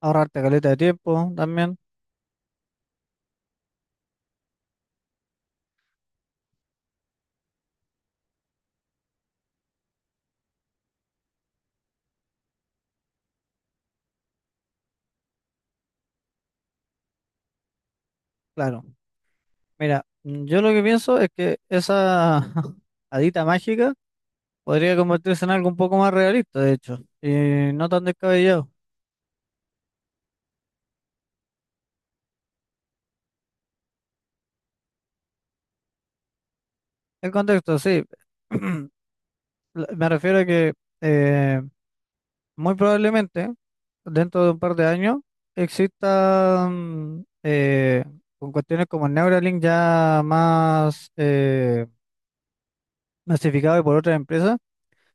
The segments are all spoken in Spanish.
Ahorrarte caleta de tiempo también, claro. Mira, yo lo que pienso es que esa hadita mágica podría convertirse en algo un poco más realista, de hecho, y no tan descabellado. El contexto, sí. Me refiero a que eh, muy probablemente dentro de un par de años exista con cuestiones como el Neuralink ya más masificado y por otras empresas.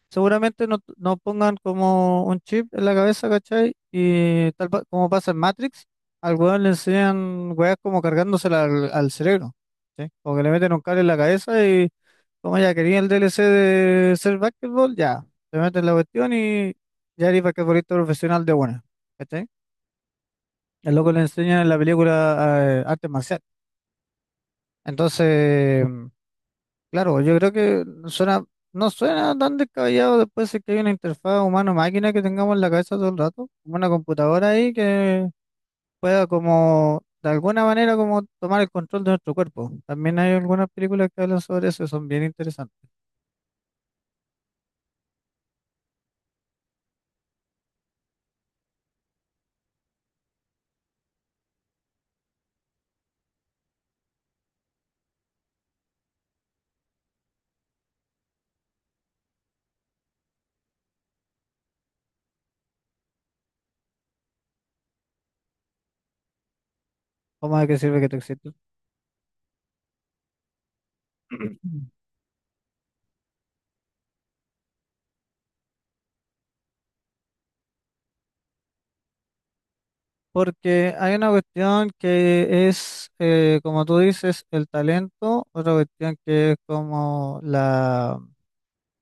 Seguramente no pongan como un chip en la cabeza, ¿cachai? Y como pasa en Matrix, al weón le enseñan weas como cargándosela al cerebro, ¿sí? O que le meten un cable en la cabeza y como ya quería el DLC de ser basketball, ya, te meten la cuestión y ya eres basquetbolista profesional de buena, ¿cachai? El loco le enseñan en la película arte marcial. Entonces. Claro, yo creo que suena, no suena tan descabellado después de que hay una interfaz humano-máquina que tengamos en la cabeza todo el rato, como una computadora ahí que pueda como, de alguna manera, como tomar el control de nuestro cuerpo. También hay algunas películas que hablan sobre eso y son bien interesantes. ¿Cómo de qué sirve que tú existas? Porque hay una cuestión que es, como tú dices, el talento, otra cuestión que es como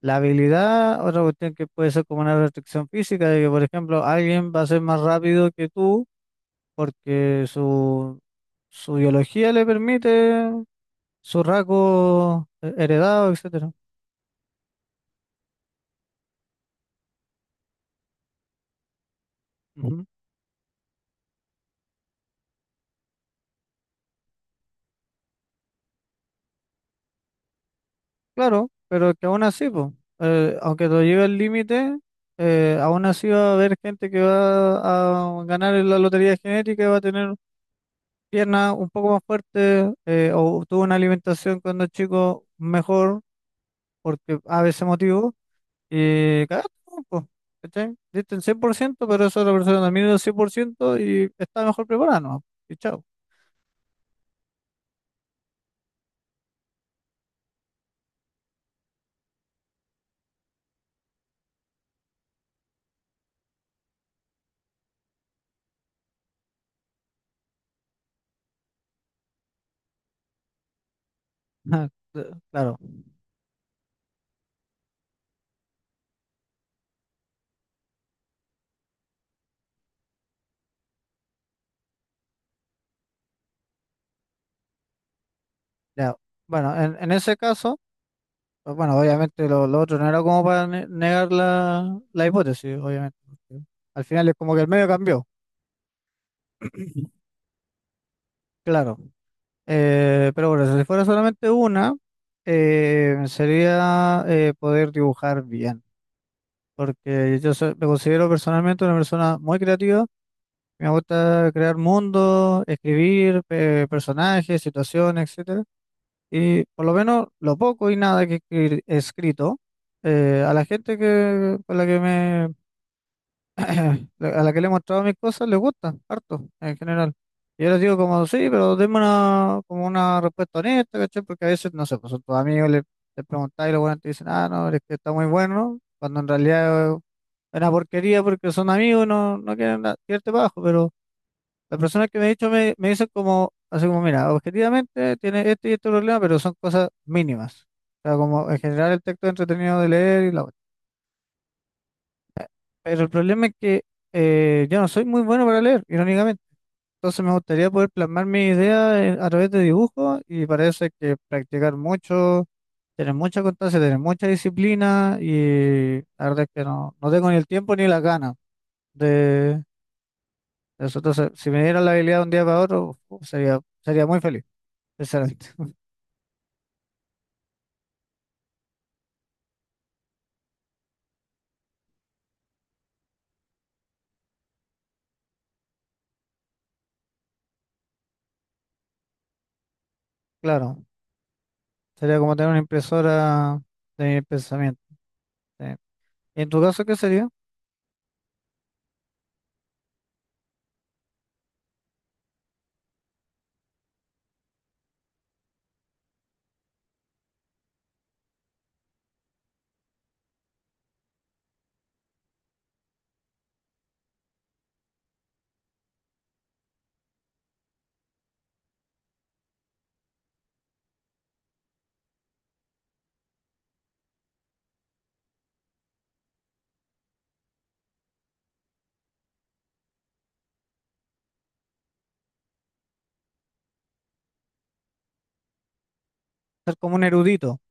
la habilidad, otra cuestión que puede ser como una restricción física, de que, por ejemplo, alguien va a ser más rápido que tú porque su biología le permite su heredado, etcétera. Ujú. Claro, pero que aún así, po, aunque lo lleve al límite, aún así va a haber gente que va a ganar en la lotería genética y va a tener piernas un poco más fuertes o tuvo una alimentación cuando chico mejor porque a veces motivo. Y cagaste, po, ¿cachai? Diste el 100%, pero esa otra persona también dio el 100% y está mejor preparada, ¿no? Y chao. Ajá, claro, ya. Bueno, en ese caso, pues bueno, obviamente lo otro no era como para negar la hipótesis, obviamente, porque al final es como que el medio cambió, claro. Pero bueno, si fuera solamente una, sería poder dibujar bien. Porque yo me considero personalmente una persona muy creativa. Me gusta crear mundos, escribir personajes, situaciones, etcétera. Y por lo menos lo poco y nada que he escrito, a la gente que, con la que me, a la que le he mostrado mis cosas, les gusta, harto, en general. Y yo les digo como, sí, pero denme una, como una respuesta honesta, ¿cachai? Porque a veces, no sé, pues son tus amigos, les preguntáis y los buenos te dicen, ah, no, es que está muy bueno, cuando en realidad es una porquería porque son amigos, no quieren tirarte bajo, pero la persona que me ha dicho me dicen como, así como, mira, objetivamente tiene este y este problema, pero son cosas mínimas. O sea, como en general el texto es entretenido de leer y la cuestión. Pero el problema es que yo no soy muy bueno para leer, irónicamente. Entonces me gustaría poder plasmar mi a través de dibujos y parece que practicar mucho, tener mucha constancia, tener mucha disciplina y la verdad es que no, no tengo ni el tiempo ni las ganas de de eso. Entonces, si me dieran la habilidad de un día para otro, uf, sería, sería muy feliz, sinceramente. Claro, sería como tener una impresora de pensamiento. Sí. ¿Y en tu caso qué sería? Ser como un erudito,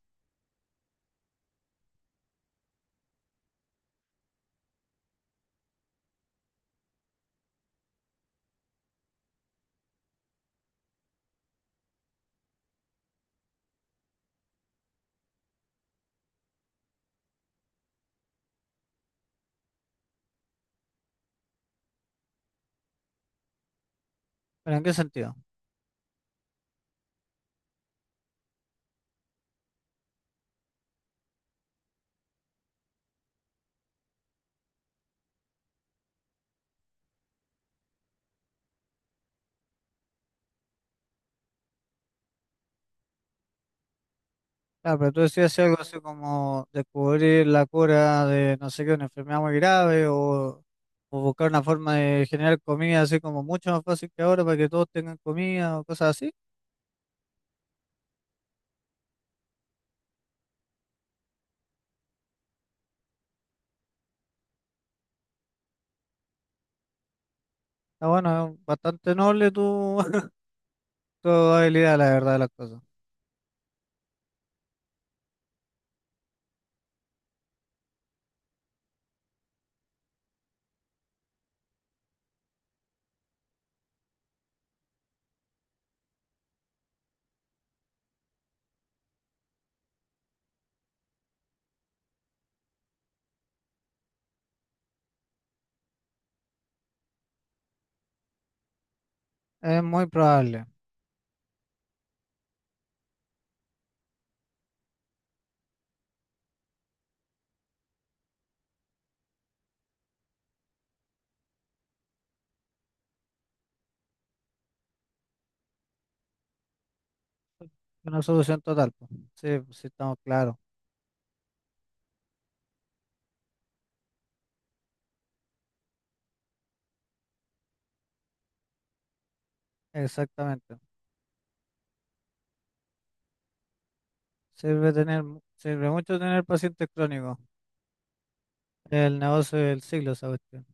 pero ¿en qué sentido? Claro, pero tú decías si algo así como descubrir la cura de no sé qué, una enfermedad muy grave o buscar una forma de generar comida así como mucho más fácil que ahora para que todos tengan comida o cosas así. Ah, bueno, es bastante noble tu, tu habilidad, la verdad de las cosas. Es muy probable. Una solución total, pues. Sí, pues sí, estamos claros. Exactamente. Sirve tener, sirve mucho tener pacientes crónicos. El negocio del siglo, esa cuestión.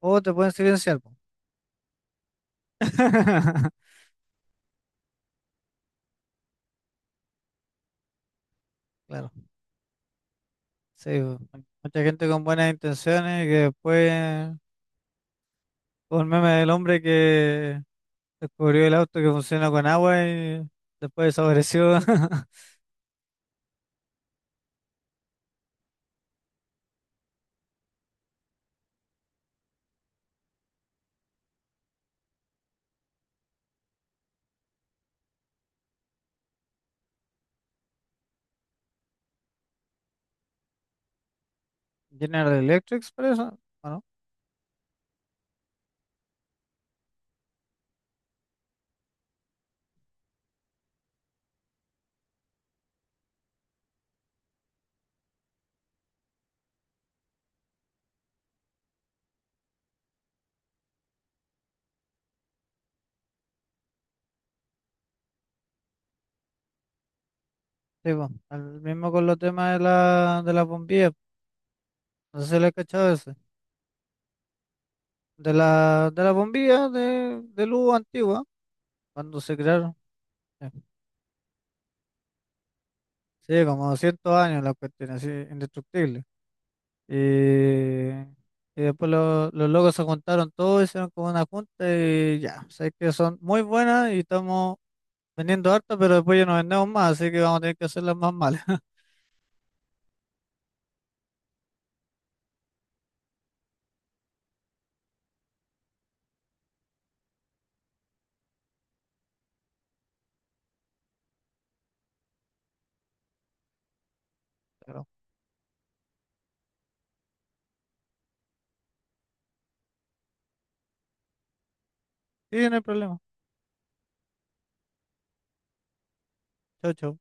O te pueden silenciar, po. Claro, sí, po. Mucha gente con buenas intenciones que después, como el meme del hombre que descubrió el auto que funciona con agua y después desapareció. General Electric, por eso. Bueno, sí, po. El mismo con los temas de la, de las bombillas. No sé si le he cachado ese. De de la bombilla de luz antigua, cuando se crearon. Sí. Sí, como 200 años la cuestión, así, indestructible. Y, y después los locos se juntaron todos, hicieron como una junta y ya, sé que son muy buenas y estamos vendiendo harta, pero después ya no vendemos más, así que vamos a tener que hacer las más malas. Pero, sí, no hay problema. Chau, chau.